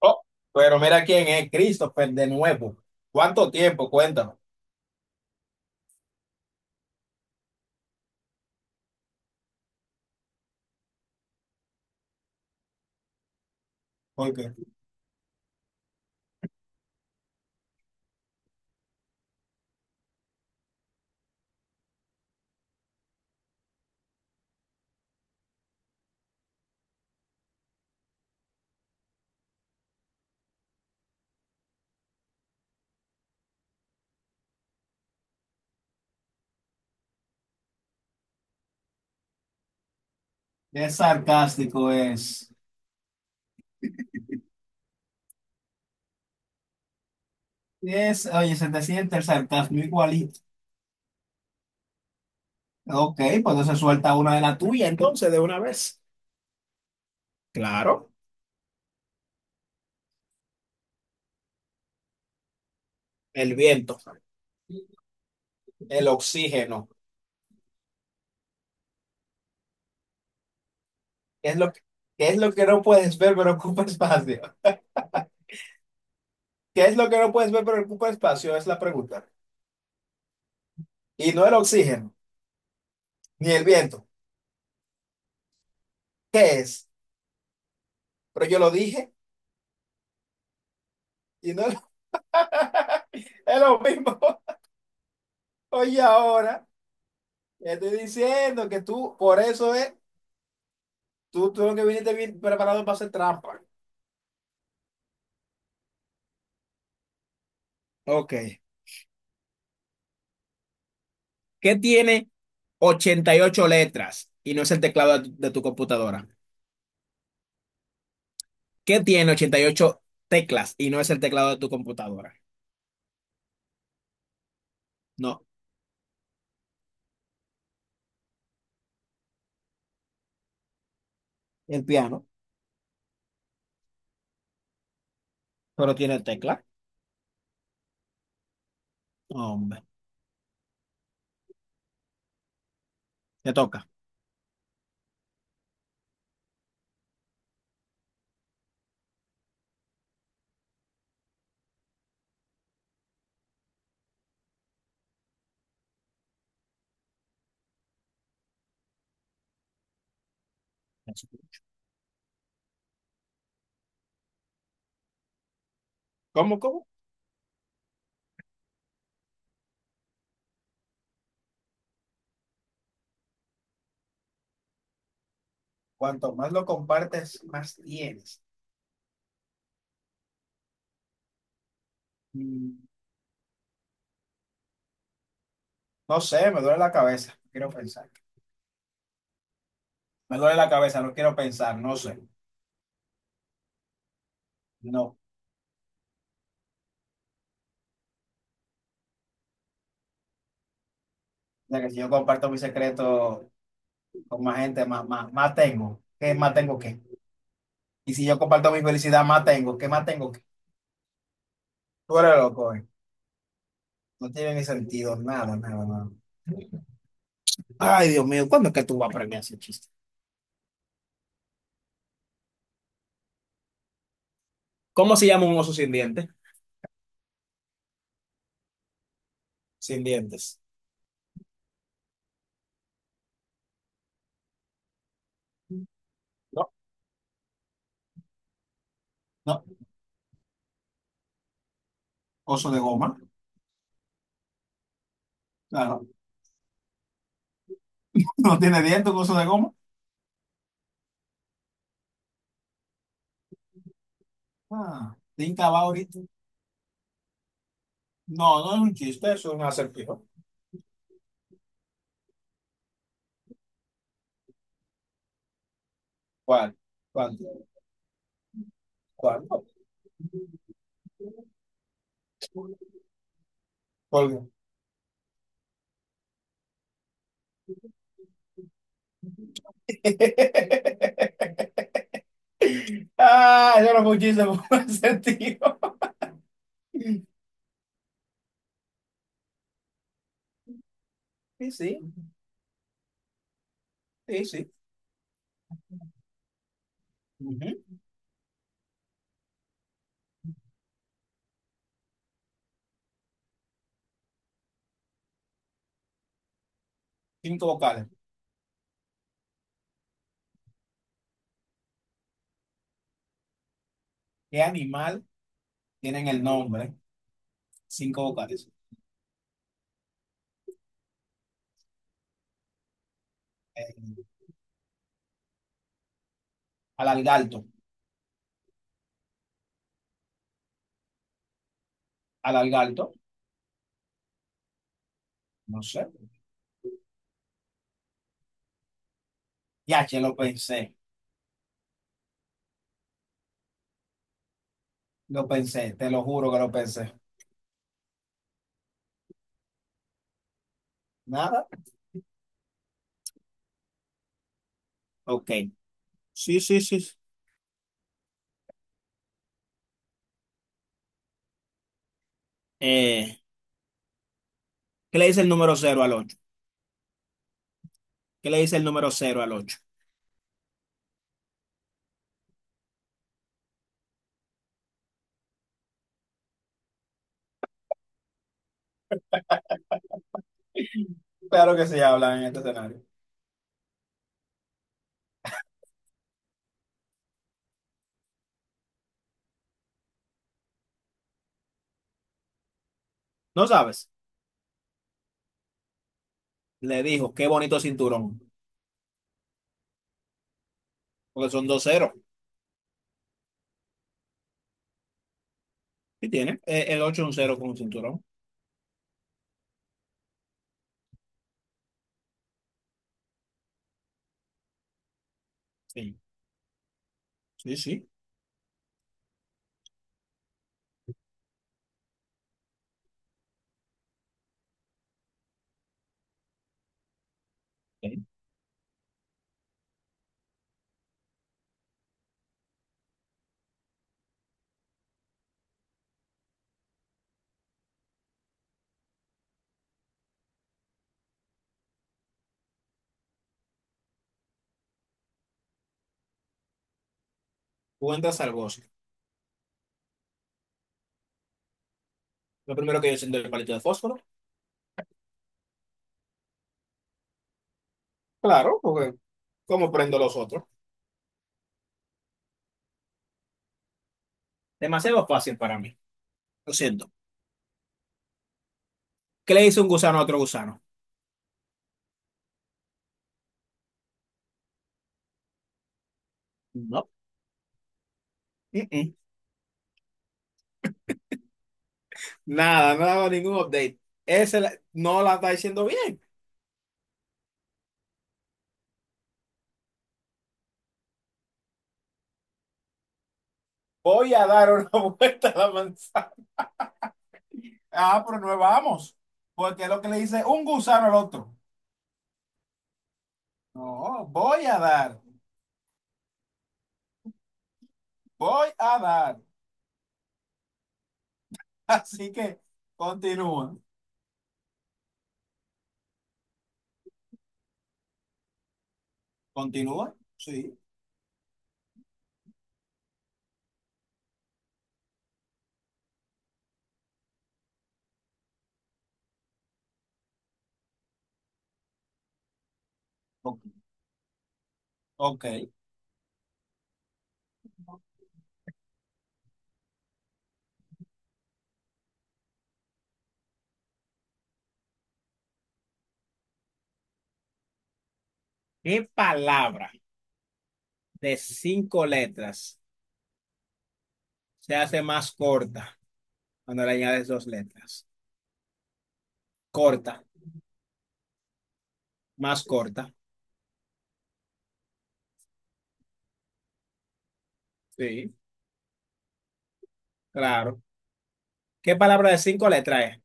Oh, pero mira quién es, Christopher, de nuevo. ¿Cuánto tiempo? Cuéntame. Porque qué sarcástico es. Es, oye, se te siente el sarcasmo igualito. Ok, pues entonces suelta una de la tuya, entonces, de una vez. Claro, el viento, el oxígeno. ¿Qué es lo que, qué es lo que no puedes ver pero ocupa espacio? ¿Qué es lo que no puedes ver pero ocupa espacio? Es la pregunta. Y no el oxígeno, ni el viento. ¿Qué es? Pero yo lo dije y no es lo mismo. Oye, ahora, te estoy diciendo que tú, por eso es, tú lo que viniste bien preparado para hacer trampa. Ok. ¿Qué tiene 88 letras y no es el teclado de tu computadora? ¿Qué tiene 88 teclas y no es el teclado de tu computadora? No, el piano, pero tiene tecla. No, hombre. Te toca. ¿Cómo, cómo? Cuanto más lo compartes, más tienes. Mm, No sé, me duele la cabeza. No quiero pensar. Me duele la cabeza, no quiero pensar, no sé. No. O sea, que si yo comparto mi secreto con más gente, más tengo. ¿Qué más tengo qué? Y si yo comparto mi felicidad, más tengo. ¿Qué más tengo? Fuera loco, eh. No tiene ni sentido, nada. Ay, Dios mío, ¿cuándo es que tú vas a aprender a hacer chiste? ¿Cómo se llama un oso sin dientes? Sin dientes. No, no. Oso de goma. Claro. No tiene dientes, un oso de goma. Ah, tinta va ahorita. No, no es un chiste, eso es un acertijo. ¿Cuál? ¿Cuál? ¿Cuál? ¿Cuál? Ah, eso no fue un chiste, fue un acertijo. Sí, sí, sí, sí. Ujú. Cinco vocales. ¿Qué animal? Tienen el nombre, cinco vocales. Eh, alargalto, alargalto, no sé. Ya, che, lo pensé, te lo juro que lo pensé. Nada. Ok. Sí, sí, sí. Eh, ¿Qué le dice el número cero al ocho? ¿Qué le dice el número cero al ocho? Claro que se habla en este escenario. No sabes. Le dijo, qué bonito cinturón. Porque son dos ceros. Sí, tiene. El ocho es un cero con un cinturón. Sí, sí, sí. Ok. Tú entras al bosque. Lo primero que yo siento es el palito de fósforo. Claro, porque ¿cómo prendo los otros? Demasiado fácil para mí. Lo siento. ¿Qué le dice un gusano a otro gusano? No. Mm-mm. Nada, no daba ningún update. Ese la- no la está diciendo bien. Voy a dar una vuelta a la manzana. Ah, pero no vamos. Porque es lo que le dice un gusano al otro. No, voy a dar, voy a dar. Así que continúa. Continúa. Sí, ok. Ok. ¿Qué palabra de cinco letras se hace más corta cuando le añades dos letras? Corta. Más corta, sí, claro. ¿Qué palabra de cinco letras es?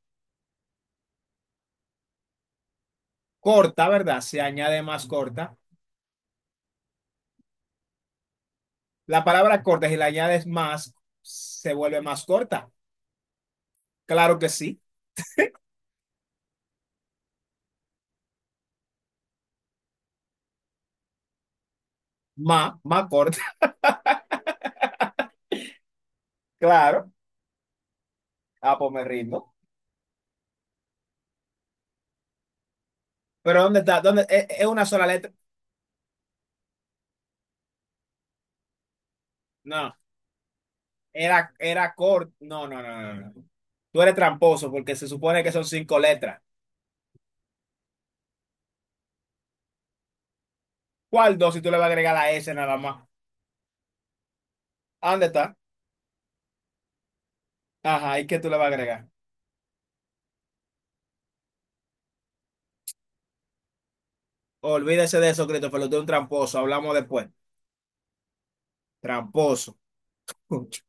Corta, ¿verdad? Se añade más corta. La palabra corta, si la añades más, se vuelve más corta. Claro que sí. Más, más corta. Claro. Ah, pues me rindo. Pero ¿dónde está? ¿Dónde? Es una sola letra? No, era, era corta. No, no, no, no, no. Tú eres tramposo porque se supone que son cinco letras. ¿Cuál dos si tú le vas a agregar la S nada más? ¿Dónde está? Ajá, ¿y qué tú le vas a agregar? Olvídese de eso, Christopher, lo de un tramposo. Hablamos después. Tramposo.